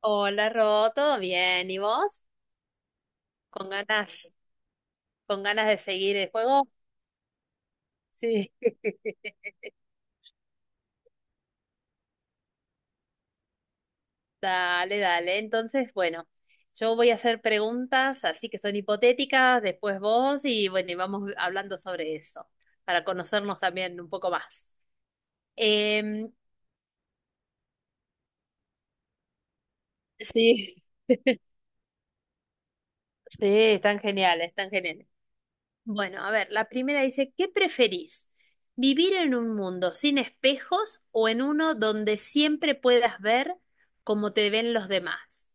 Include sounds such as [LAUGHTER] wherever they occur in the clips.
Hola, Ro, ¿todo bien? ¿Y vos? ¿Con ganas, con ganas de seguir el juego? Sí. [LAUGHS] Dale, dale. Entonces, bueno, yo voy a hacer preguntas, así que son hipotéticas, después vos y bueno, y vamos hablando sobre eso, para conocernos también un poco más. Em, sí, sí, están geniales, están geniales. Bueno, a ver, la primera dice, ¿qué preferís? ¿Vivir en un mundo sin espejos o en uno donde siempre puedas ver cómo te ven los demás?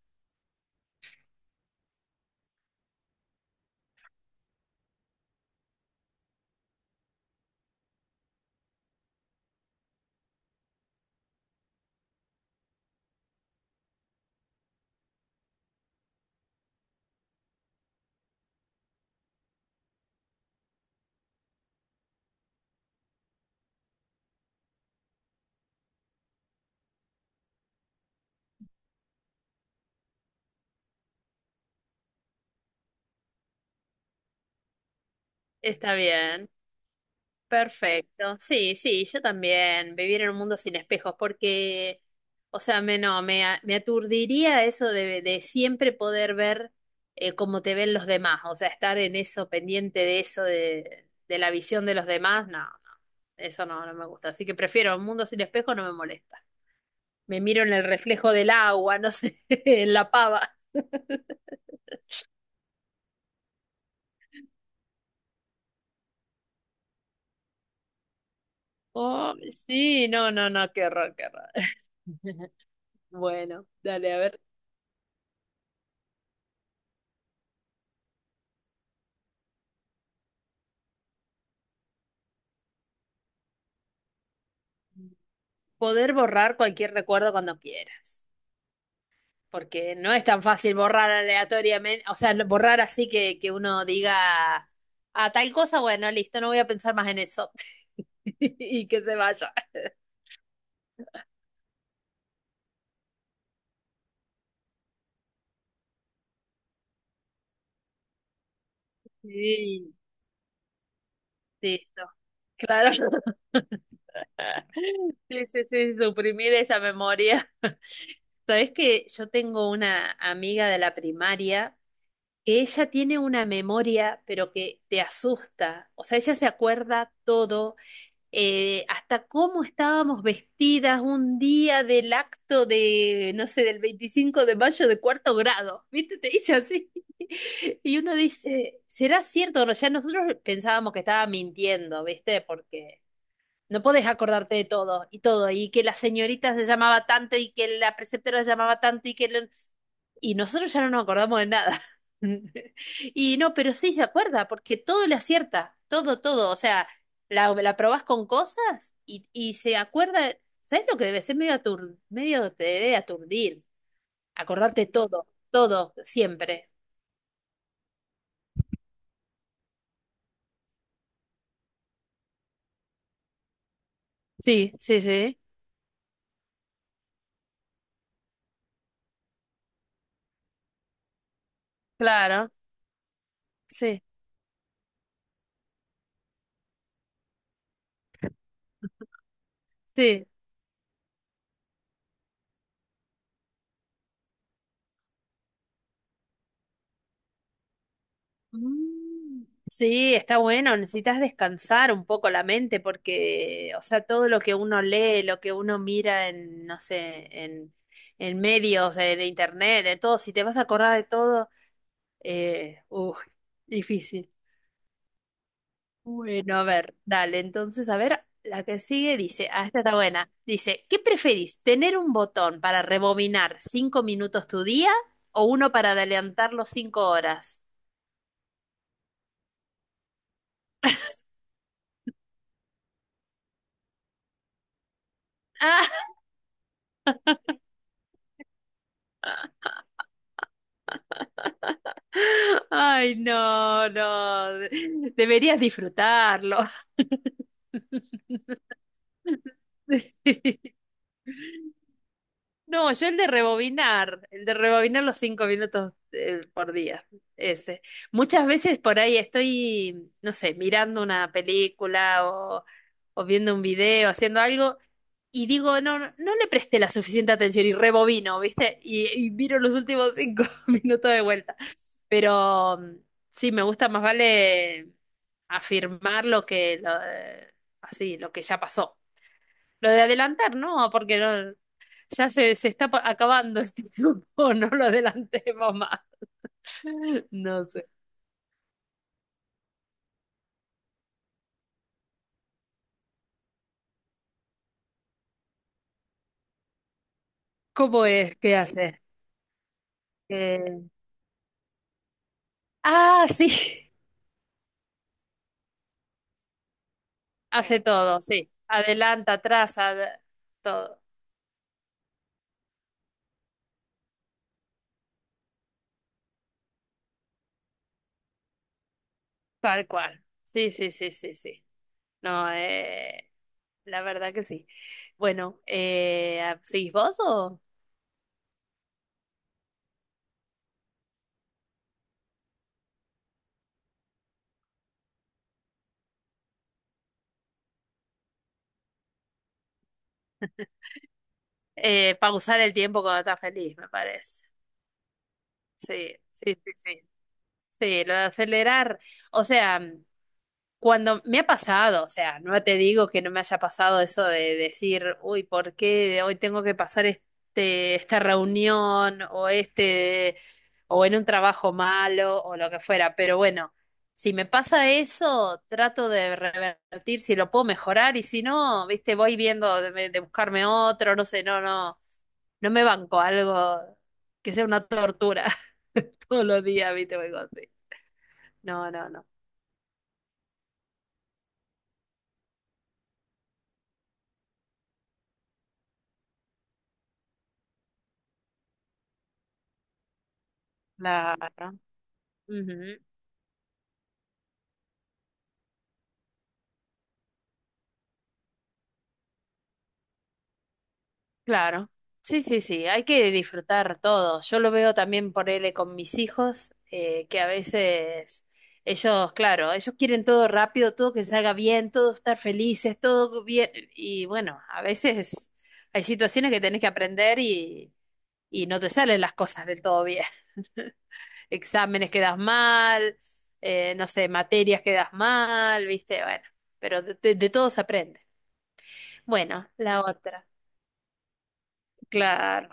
Está bien. Perfecto. Sí, sí, yo también. Vivir en un mundo sin espejos, porque, o sea, me, no, me, a- me aturdiría eso de siempre poder ver cómo te ven los demás. O sea, estar en eso, pendiente de eso, de la visión de los demás, no, no, eso no, no me gusta. Así que prefiero un mundo sin espejos, no me molesta. Me miro en el reflejo del agua, no sé, [LAUGHS] en la pava. [LAUGHS] Oh, sí, no, no, no, qué horror, qué horror. [LAUGHS] Bueno, dale, a ver. Poder borrar cualquier recuerdo cuando quieras, porque no es tan fácil borrar aleatoriamente, o sea, borrar así que uno diga, a tal cosa, bueno, listo, no voy a pensar más en eso [LAUGHS] y que se vaya. Sí, listo. Claro, [LAUGHS] sí, sí, sí, suprimir esa memoria. Sabes que yo tengo una amiga de la primaria que ella tiene una memoria, pero que te asusta. O sea, ella se acuerda todo hasta cómo estábamos vestidas un día del acto de, no sé, del 25 de mayo de cuarto grado, ¿viste? Te dice así. [LAUGHS] Y uno dice, ¿será cierto? O no, ya nosotros pensábamos que estaba mintiendo, ¿viste? Porque no podés acordarte de todo y todo, y que la señorita se llamaba tanto y que la preceptora se llamaba tanto y que Y nosotros ya no nos acordamos de nada. [LAUGHS] Y no, pero sí se acuerda, porque todo le acierta, todo, todo. O sea, la probás con cosas y se acuerda, ¿sabes lo que debe ser? Medio te debe aturdir, acordarte todo, todo, siempre. Sí, sí, sí, claro, sí, sí. Mm. Sí, está bueno, necesitas descansar un poco la mente porque, o sea, todo lo que uno lee, lo que uno mira en, no sé, en medios, en internet, de todo, si te vas a acordar de todo, uf, difícil. Bueno, a ver, dale, entonces, a ver, la que sigue dice, ah, esta está buena, dice, ¿qué preferís, tener un botón para rebobinar 5 minutos tu día o uno para adelantarlo 5 horas? Ah, ay, no, no. Deberías disfrutarlo. [LAUGHS] No, yo el de rebobinar los 5 minutos por día, ese. Muchas veces por ahí estoy, no sé, mirando una película o viendo un video, haciendo algo, y digo, no, no, no le presté la suficiente atención y rebobino, ¿viste? Y miro los últimos cinco [LAUGHS] minutos de vuelta. Pero sí, me gusta más vale afirmar lo que lo, así, lo que ya pasó. Lo de adelantar, no, porque no, ya se está acabando el tiempo, [LAUGHS] no lo adelantemos más. No sé. ¿Cómo es? ¿Qué hace? Eh, ah, sí, [LAUGHS] hace todo, sí. Adelanta, atrás, todo, tal cual. Sí, sí, sí, sí, sí. No, la verdad que sí. Bueno, ¿seguís vos o...? Pausar el tiempo cuando estás feliz, me parece. Sí, sí, sí, sí. Sí, lo de acelerar. O sea, cuando me ha pasado, o sea, no te digo que no me haya pasado eso de decir, uy, ¿por qué hoy tengo que pasar esta reunión o o en un trabajo malo o lo que fuera? Pero bueno, si me pasa eso, trato de revertir si lo puedo mejorar y si no, viste, voy viendo de buscarme otro, no sé, no, no. No me banco algo que sea una tortura [LAUGHS] todos los días, ¿viste? O algo así. No, no, no. Claro. Ujú, claro. Sí, sí, sí. Hay que disfrutar todo. Yo lo veo también por él con mis hijos, que a veces ellos, claro, ellos quieren todo rápido, todo que salga bien, todo estar felices, todo bien. Y bueno, a veces hay situaciones que tenés que aprender y no te salen las cosas del todo bien. Exámenes que das mal, no sé, materias que das mal, ¿viste? Bueno, pero de, de todo se aprende. Bueno, la otra. Claro,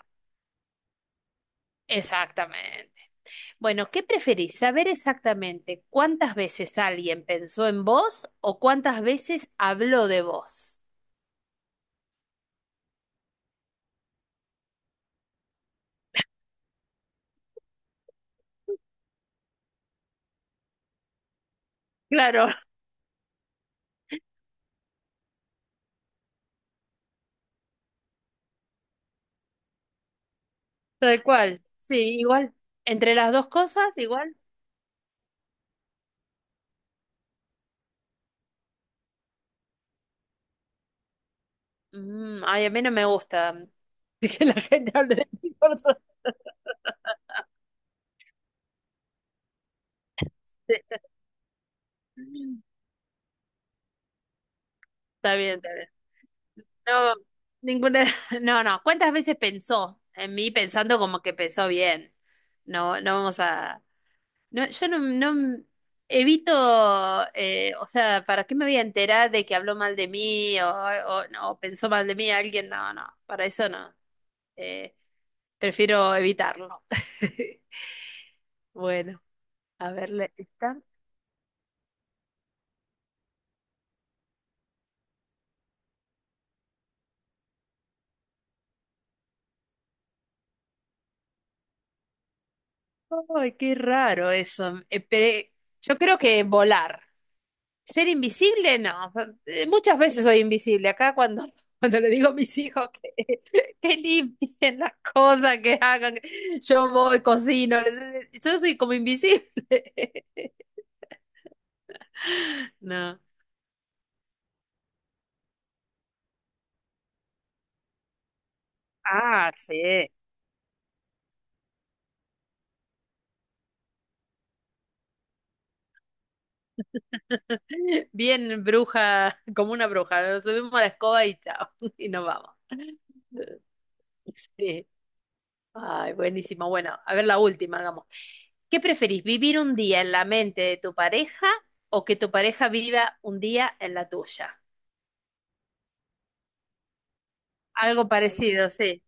exactamente. Bueno, ¿qué preferís? ¿Saber exactamente cuántas veces alguien pensó en vos o cuántas veces habló de vos? Claro, tal cual. Sí, igual. Entre las dos cosas, igual. Mm, ay, a mí no me gusta [LAUGHS] que la gente hable de mí por otro. Sí. [LAUGHS] Está bien, está bien. No, ninguna, [LAUGHS] no, no. ¿Cuántas veces pensó en mí pensando como que pensó bien? No, no vamos a, no, yo no, no evito, o sea, ¿para qué me voy a enterar de que habló mal de mí o, no, o pensó mal de mí alguien? No, no, para eso no. Eh, Prefiero evitarlo. [LAUGHS] Bueno, a verle está. Ay, qué raro eso. Yo creo que volar. Ser invisible, no. Muchas veces soy invisible. Acá cuando, [LAUGHS] cuando le digo a mis hijos que, [LAUGHS] que limpien las cosas, que hagan, yo voy, cocino. Yo soy como invisible. [LAUGHS] No. Ah, sí. Bien bruja, como una bruja. Nos subimos a la escoba y chao. [LAUGHS] Y nos vamos. Sí. Ay, buenísimo. Bueno, a ver la última, hagamos. ¿Qué preferís, vivir un día en la mente de tu pareja o que tu pareja viva un día en la tuya? Algo parecido, sí,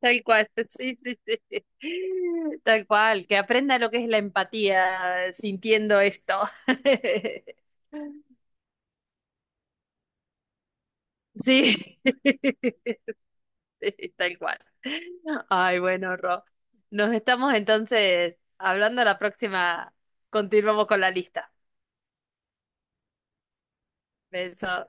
tal cual, [LAUGHS] sí, sí, sí, tal cual, que aprenda lo que es la empatía sintiendo esto. [LAUGHS] Sí, [LAUGHS] sí, tal cual. Ay, bueno, Ro, nos estamos entonces hablando la próxima, continuamos con la lista. Beso.